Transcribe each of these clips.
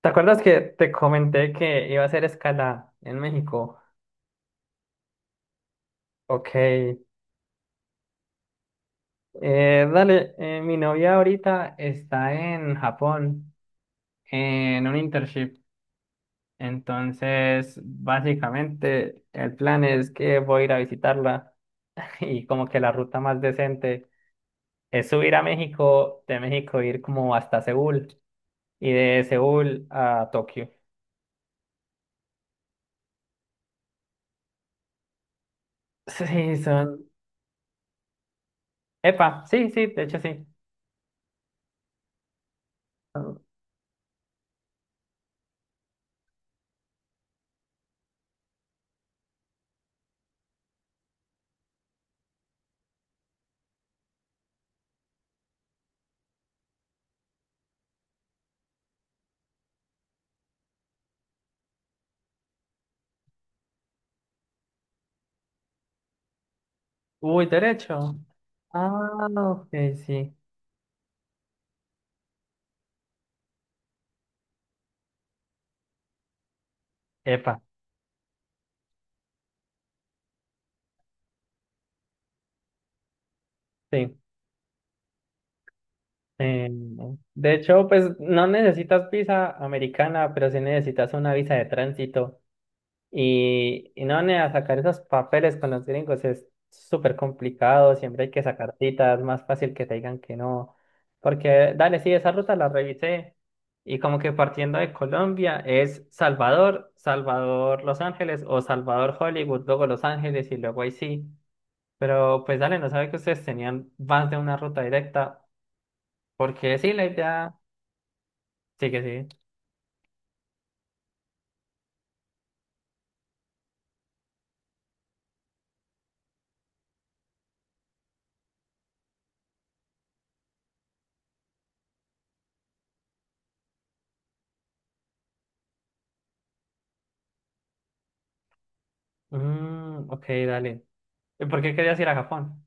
¿Te acuerdas que te comenté que iba a hacer escala en México? Ok. Mi novia ahorita está en Japón en un internship. Entonces, básicamente, el plan es que voy a ir a visitarla y como que la ruta más decente es subir a México, de México ir como hasta Seúl y de Seúl a Tokio. Sí, son... Epa, sí, sí, de hecho sí. Uy, derecho. Ah, ok, sí. Epa, sí. Eh, de hecho, pues no necesitas visa americana, pero sí necesitas una visa de tránsito. Y no, nea, sacar esos papeles con los gringos es súper complicado. Siempre hay que sacar citas. Es más fácil que te digan que no. Porque, dale, sí, esa ruta la revisé. Y como que partiendo de Colombia es Salvador, Salvador Los Ángeles o Salvador Hollywood, luego Los Ángeles y luego ahí sí. Pero pues dale, no sabía que ustedes tenían más de una ruta directa, porque sí, la idea... Sí que sí. Mm, ok, dale. ¿Y por qué querías ir a Japón?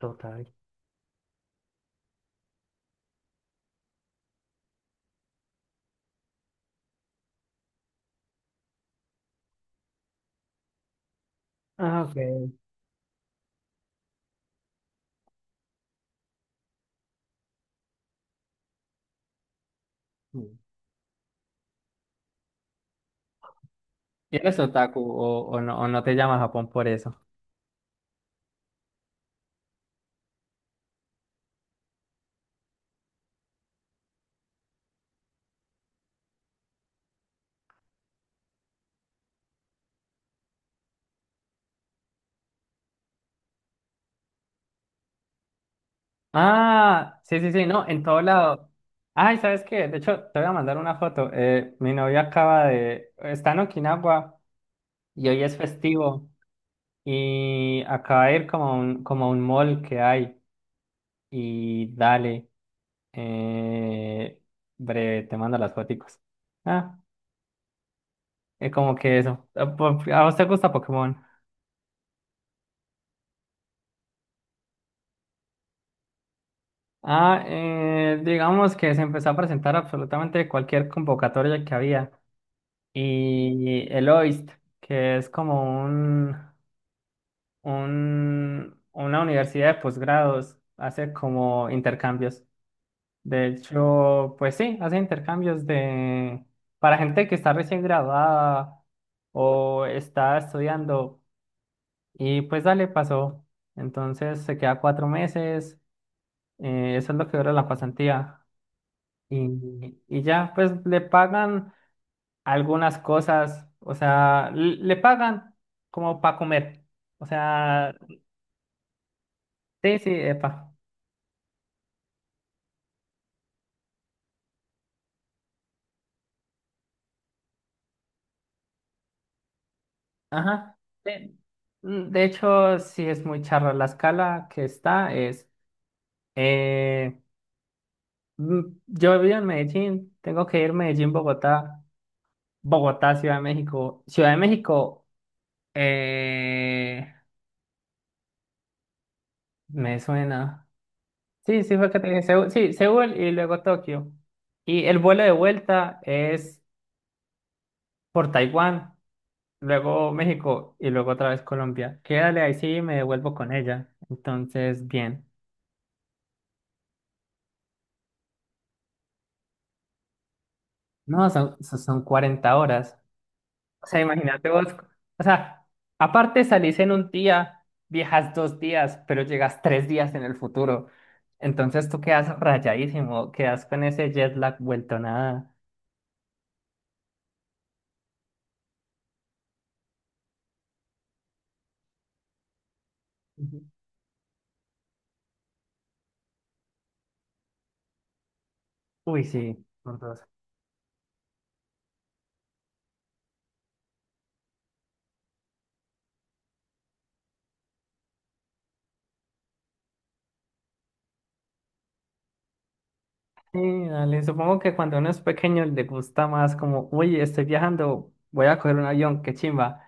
Total. Ah, ok. Mm. ¿Y eres otaku o no, o no te llama Japón por eso? Ah, sí, sí, sí, no, en todo lado. Ay, ¿sabes qué? De hecho, te voy a mandar una foto. Mi novia acaba de... Está en Okinawa y hoy es festivo y acaba de ir como a un mall que hay y dale. Eh, breve, te mando las foticos. Ah, es como que eso. ¿A vos te gusta Pokémon? Ah, digamos que se empezó a presentar absolutamente cualquier convocatoria que había. Y el OIST, que es como una universidad de posgrados, hace como intercambios. De hecho, pues sí, hace intercambios de para gente que está recién graduada o está estudiando. Y pues dale, pasó. Entonces se queda cuatro meses, eso es lo que dura la pasantía. Y ya, pues le pagan algunas cosas, o sea, le pagan como para comer. O sea, sí, sí, epa. Ajá. De, mm, de hecho, sí es muy charra. La escala que está es, eh, mm, Yo vivo en Medellín, tengo que ir Medellín, Bogotá, Bogotá, Ciudad de México. Ciudad de México. Eh, me suena. Sí, sí, fue que te dije Seúl. Sí, Seúl y luego Tokio. Y el vuelo de vuelta es por Taiwán, luego México y luego otra vez Colombia. Quédale ahí sí y me devuelvo con ella. Entonces, bien. No, son 40 horas. O sea, imagínate vos. O sea, aparte salís en un día, viajas dos días, pero llegas tres días en el futuro. Entonces tú quedas rayadísimo, quedas con ese jet lag vuelto nada. Uy, sí, por dos. Sí, dale. Supongo que cuando uno es pequeño le gusta más como, uy, estoy viajando, voy a coger un avión, qué chimba.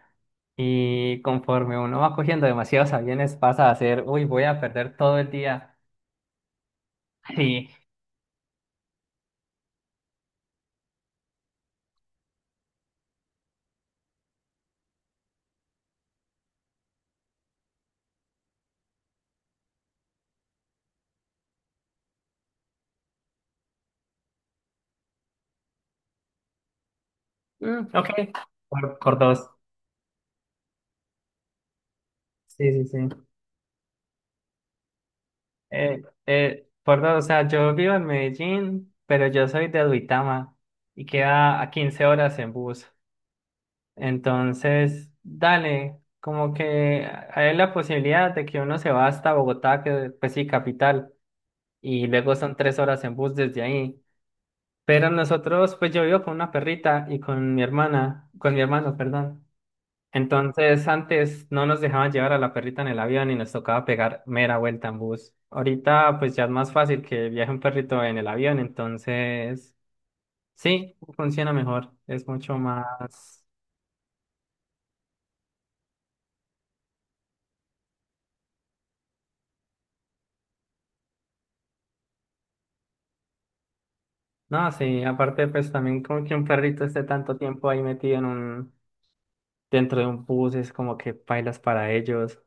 Y conforme uno va cogiendo demasiados aviones pasa a ser, uy, voy a perder todo el día. Sí, mm, ok, por dos. Sí, sí, sí. Por dos, o sea, yo vivo en Medellín, pero yo soy de Duitama y queda a 15 horas en bus. Entonces, dale, como que hay la posibilidad de que uno se va hasta Bogotá, que pues sí, capital, y luego son tres horas en bus desde ahí. Pero nosotros, pues yo vivo con una perrita y con mi hermana, con mi hermano, perdón. Entonces, antes no nos dejaban llevar a la perrita en el avión y nos tocaba pegar mera vuelta en bus. Ahorita, pues ya es más fácil que viaje un perrito en el avión, entonces, sí, funciona mejor, es mucho más. No, sí, aparte pues también como que un perrito esté tanto tiempo ahí metido en un, dentro de un bus, es como que bailas para ellos.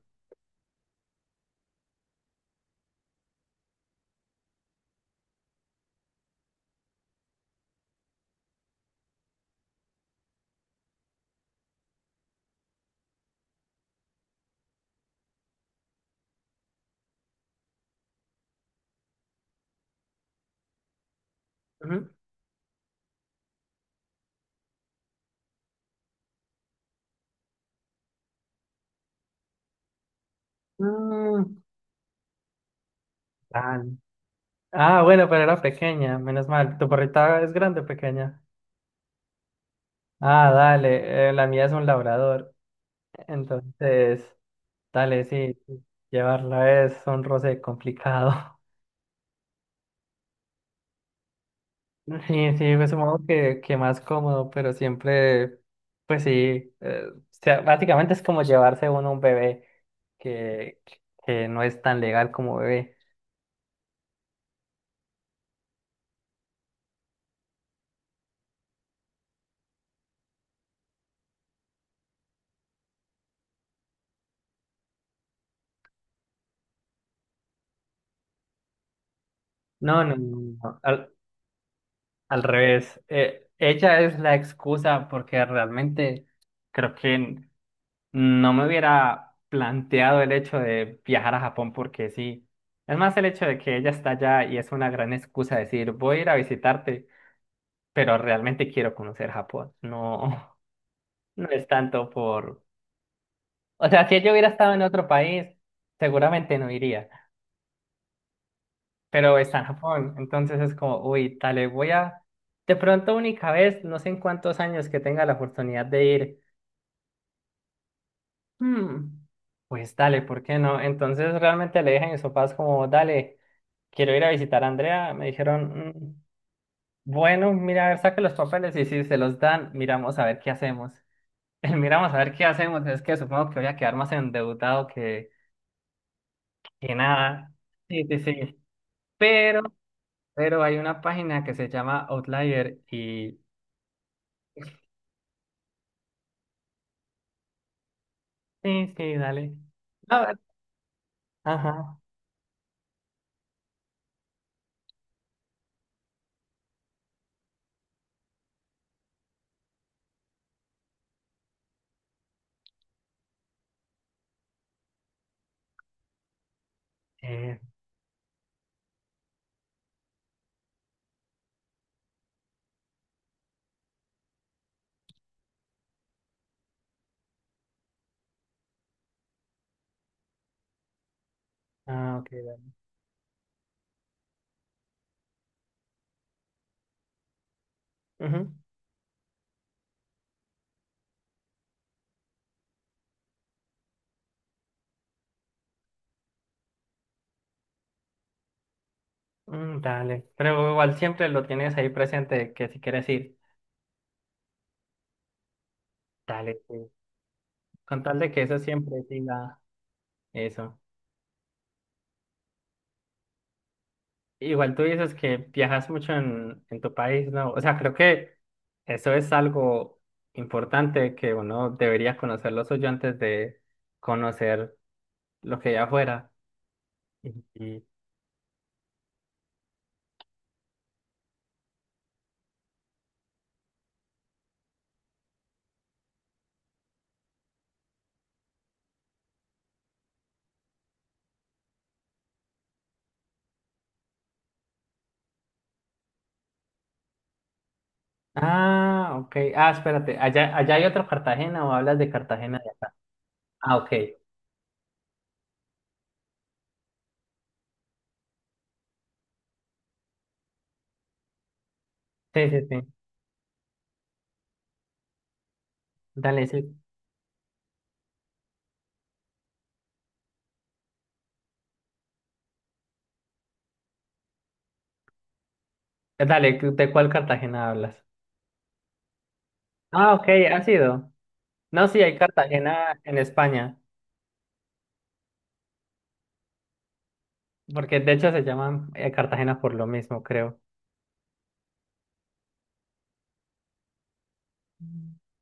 Ujú. Mm, dale. Ah, bueno, pero era pequeña, menos mal. ¿Tu perrita es grande o pequeña? Ah, dale, la mía es un labrador. Entonces, dale, sí, sí, llevarla es un roce complicado. Sí, sí, pues supongo que más cómodo, pero siempre, pues sí, o sea, básicamente es como llevarse uno un bebé que, que no es tan legal como bebé. No, no, no, no, al, al revés. Ella es la excusa porque realmente creo que no me hubiera planteado el hecho de viajar a Japón porque sí. Es más el hecho de que ella está allá y es una gran excusa decir, voy a ir a visitarte pero realmente quiero conocer Japón. No, no es tanto por... O sea, si yo hubiera estado en otro país, seguramente no iría, pero está en Japón, entonces es como, uy, dale, voy a... De pronto única vez, no sé en cuántos años que tenga la oportunidad de ir, hmm, pues dale, ¿por qué no? Entonces realmente le dije a mis papás como, dale, quiero ir a visitar a Andrea, me dijeron, "Mm, bueno, mira, a ver, saque los papeles y si se los dan, miramos a ver qué hacemos. El miramos a ver qué hacemos, es que supongo que voy a quedar más endeudado que nada." Sí, sí, sí. Pero, pero hay una página que se llama Outlier y... Sí, sí, dale. Ah, ajá. Eh, ok, dale. Ujú. Mm, dale. Pero igual siempre lo tienes ahí presente que si quieres ir, dale. Sí. Con tal de que eso siempre siga eso. Igual tú dices que viajas mucho en tu país, ¿no? O sea, creo que eso es algo importante que uno debería conocer lo suyo antes de conocer. Lo que ya fuera. Y- Ah, ok. Ah, espérate. ¿Allá hay otro Cartagena o hablas de Cartagena de acá? Ah, ok. Sí, sí, sí. Dale, sí. Dale, ¿de cuál Cartagena hablas? Ah, ok, ha sido. No, sí, hay Cartagena en España, porque de hecho se llaman Cartagena por lo mismo, creo.